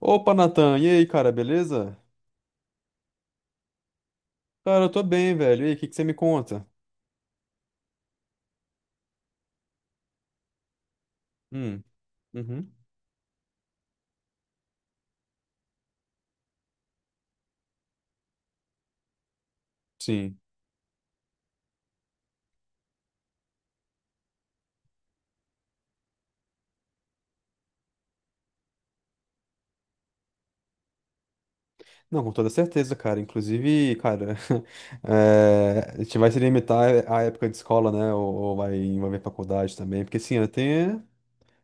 Opa, Natan, e aí, cara, beleza? Cara, eu tô bem, velho. E aí, o que que você me conta? Hum. Uhum. Sim. Não, com toda certeza, cara. Inclusive, cara, a gente vai se limitar à época de escola, né? Ou vai envolver faculdade também. Porque, assim, eu tenho.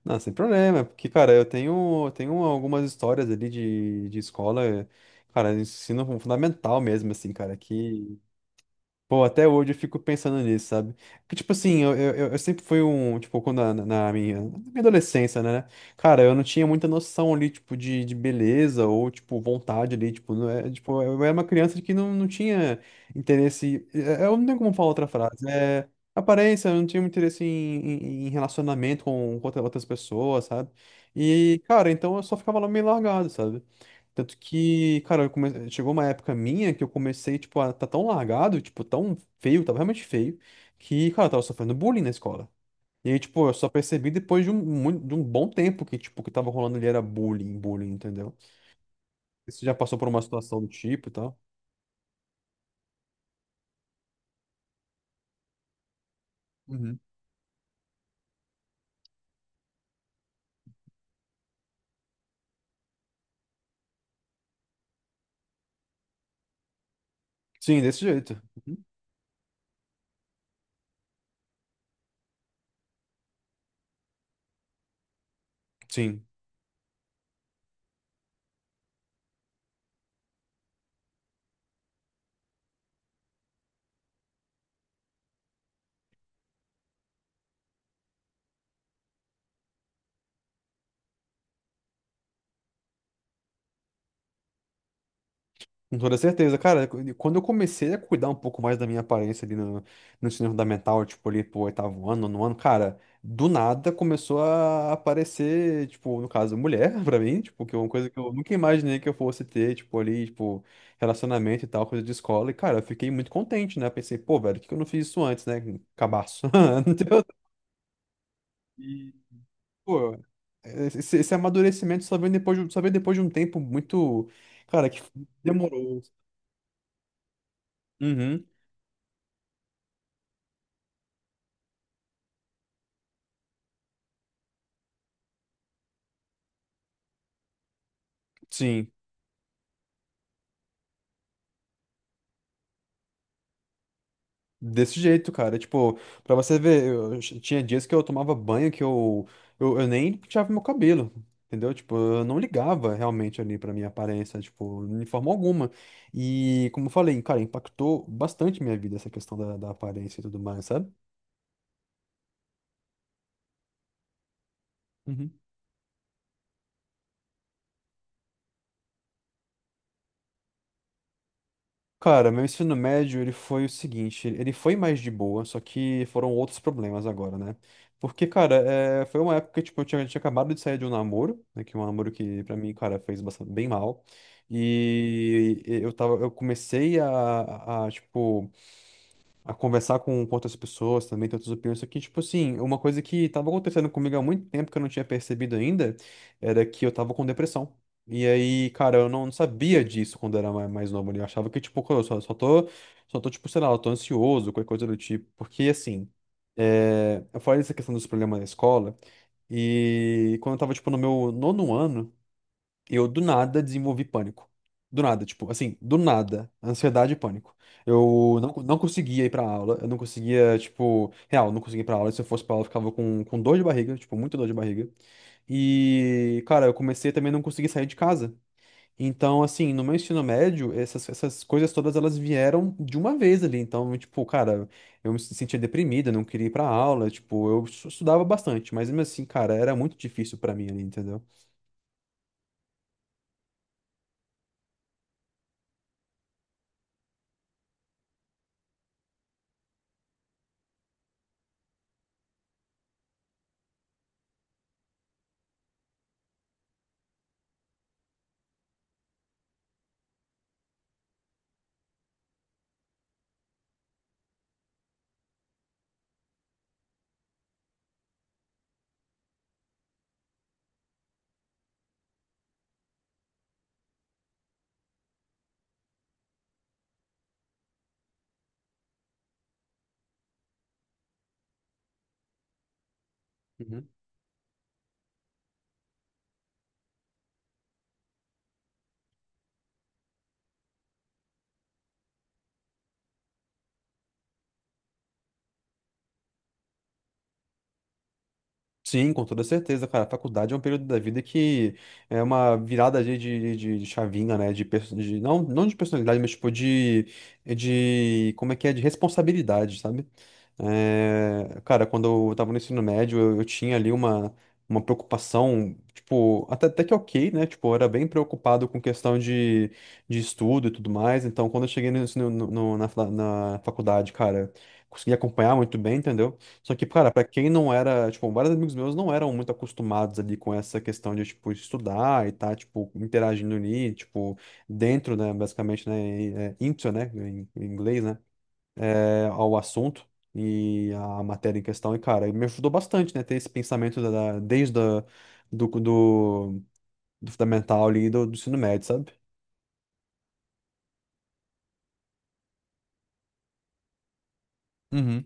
Não, sem problema. Porque, cara, eu tenho algumas histórias ali de escola, cara, ensino fundamental mesmo, assim, cara, que. Pô, até hoje eu fico pensando nisso, sabe? Que, tipo assim, eu sempre fui um, tipo, quando na, na minha adolescência, né? Cara, eu não tinha muita noção ali, tipo, de beleza ou, tipo, vontade ali, tipo, não é, tipo, eu era uma criança que não tinha interesse, eu não tenho como falar outra frase, é aparência, eu não tinha muito interesse em relacionamento com outras pessoas, sabe? E, cara, então eu só ficava lá meio largado, sabe? Tanto que, cara, chegou uma época minha que eu comecei, tipo, a tá tão largado, tipo, tão feio, tava realmente feio, que, cara, eu tava sofrendo bullying na escola. E aí, tipo, eu só percebi depois de um bom tempo que, tipo, o que tava rolando ali era bullying, bullying, entendeu? Você já passou por uma situação do tipo e tal? Uhum. Sim, desse jeito. Uhum. Sim. Com toda certeza, cara, quando eu comecei a cuidar um pouco mais da minha aparência ali no ensino fundamental, tipo ali pro oitavo ano, nono ano, cara, do nada começou a aparecer, tipo, no caso, mulher pra mim, tipo, que é uma coisa que eu nunca imaginei que eu fosse ter, tipo, ali, tipo, relacionamento e tal, coisa de escola, e cara, eu fiquei muito contente, né? Pensei, pô, velho, por que que eu não fiz isso antes, né? Cabaço. Entendeu? E, pô, esse, esse amadurecimento só veio depois de um tempo muito, cara, que demorou. Uhum. Sim. Desse jeito, cara. Tipo, pra você ver, tinha dias que eu tomava banho que eu, eu nem penteava meu cabelo, entendeu? Tipo, eu não ligava realmente ali pra minha aparência, tipo, de forma alguma. E, como eu falei, cara, impactou bastante minha vida essa questão da aparência e tudo mais, sabe? Cara, meu ensino médio, ele foi o seguinte, ele foi mais de boa, só que foram outros problemas agora, né? Porque, cara, foi uma época que, tipo, eu tinha acabado de sair de um namoro, né? Que é um namoro que, pra mim, cara, fez bastante, bem mal. E eu comecei a, tipo, a conversar com outras pessoas também, ter outras opiniões. Só que, tipo assim, uma coisa que tava acontecendo comigo há muito tempo que eu não tinha percebido ainda era que eu tava com depressão. E aí, cara, eu não sabia disso quando eu era mais novo, né? Eu achava que, tipo, eu só tô, tipo, sei lá, eu tô ansioso, qualquer coisa do tipo. Porque, assim, eu falei dessa questão dos problemas na escola. E quando eu tava, tipo, no meu nono ano, eu do nada desenvolvi pânico. Do nada, tipo, assim, do nada, ansiedade e pânico. Eu não conseguia ir pra aula, eu não conseguia, tipo, real, não conseguia ir pra aula. Se eu fosse pra aula, eu ficava com dor de barriga, tipo, muita dor de barriga. E, cara, eu comecei também a não conseguir sair de casa. Então, assim, no meu ensino médio, essas coisas todas elas vieram de uma vez ali. Então, tipo, cara, eu me sentia deprimido, eu não queria ir pra aula, tipo, eu estudava bastante, mas mesmo assim, cara, era muito difícil pra mim ali, entendeu? Sim, com toda certeza, cara. A faculdade é um período da vida que é uma virada de chavinha, né? De, não, não de personalidade, mas tipo de. Como é que é? De responsabilidade, sabe? É, cara, quando eu tava no ensino médio, eu tinha ali uma preocupação, tipo, até que ok, né? Tipo, eu era bem preocupado com questão de estudo e tudo mais. Então, quando eu cheguei na faculdade, cara, consegui acompanhar muito bem, entendeu? Só que, cara, pra quem não era, tipo, vários amigos meus não eram muito acostumados ali com essa questão de, tipo, estudar e tá, tipo, interagindo ali, tipo, dentro, né, basicamente, né, e, into, né, em inglês, né, ao assunto e a matéria em questão. E, cara, me ajudou bastante, né, ter esse pensamento da, da- desde a, do, do, do fundamental ali, do ensino médio, sabe? Uhum.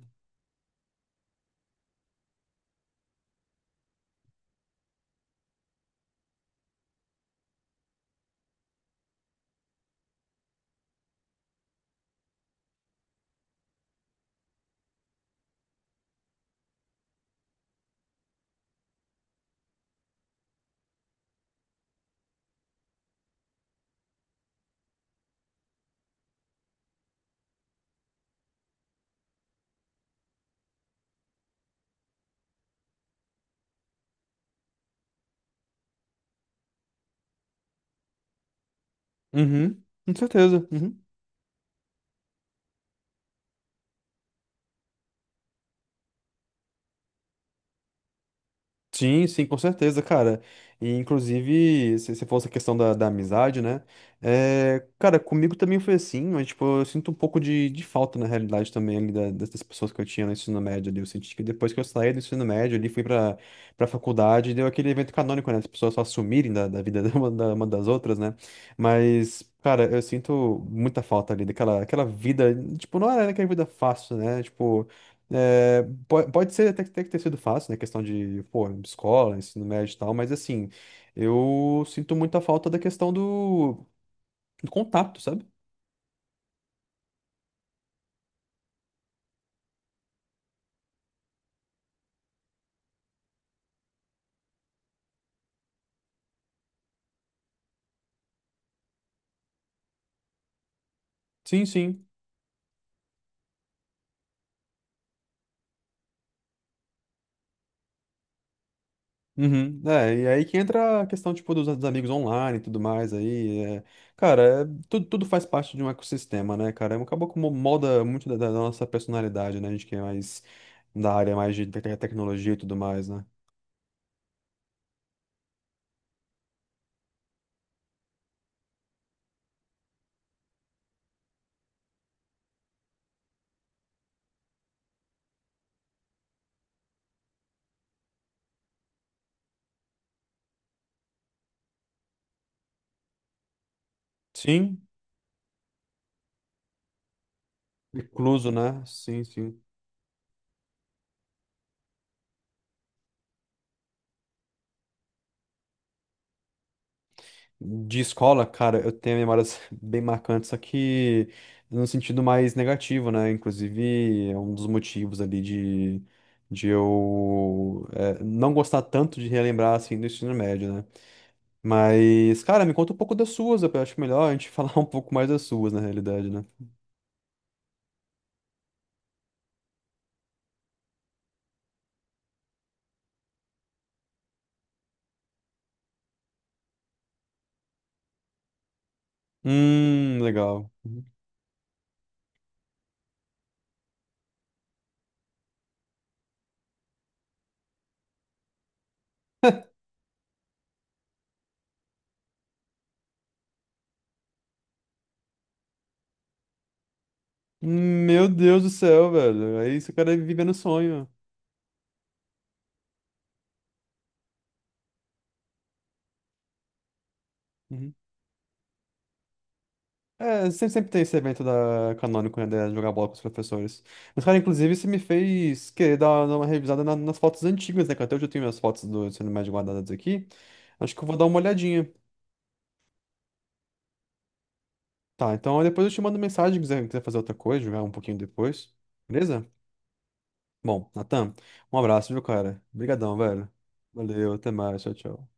Uhum, com certeza. Uhum. Sim, sim, com certeza, cara. E inclusive, se você fosse a questão da amizade, né? É, cara, comigo também foi assim, mas tipo, eu sinto um pouco de falta na realidade também ali dessas pessoas que eu tinha no ensino médio ali. Eu senti que depois que eu saí do ensino médio ali, fui pra faculdade, deu aquele evento canônico, né? As pessoas só sumirem da vida uma das outras, né? Mas, cara, eu sinto muita falta ali daquela aquela vida, tipo, não era aquela vida fácil, né? Tipo. É, pode ser até que tenha sido fácil, né? Questão de, pô, escola, ensino médio e tal, mas assim, eu sinto muita falta da questão do contato, sabe? Sim, sim. Uhum. É, e aí que entra a questão, tipo, dos amigos online e tudo mais aí. Cara, tudo faz parte de um ecossistema, né, cara? Acabou que molda muito da nossa personalidade, né? A gente que é mais da área mais de tecnologia e tudo mais, né? Sim, incluso, né? Sim, sim. De escola, cara, eu tenho memórias bem marcantes, só que no sentido mais negativo, né? Inclusive, é um dos motivos ali de eu não gostar tanto de relembrar, assim, do ensino médio, né? Mas, cara, me conta um pouco das suas, eu acho melhor a gente falar um pouco mais das suas, na realidade, né? Legal. Meu Deus do céu, velho. Aí esse cara vive no sonho. É, sempre, sempre tem esse evento da Canônico, né, de jogar bola com os professores. Mas, cara, inclusive, você me fez querer dar uma revisada nas fotos antigas, né, que até hoje eu tenho minhas fotos do ensino médio guardadas aqui. Acho que eu vou dar uma olhadinha. Tá, então depois eu te mando mensagem se quiser fazer outra coisa, jogar um pouquinho depois. Beleza? Bom, Natan, um abraço, viu, cara? Obrigadão, velho. Valeu, até mais, tchau, tchau.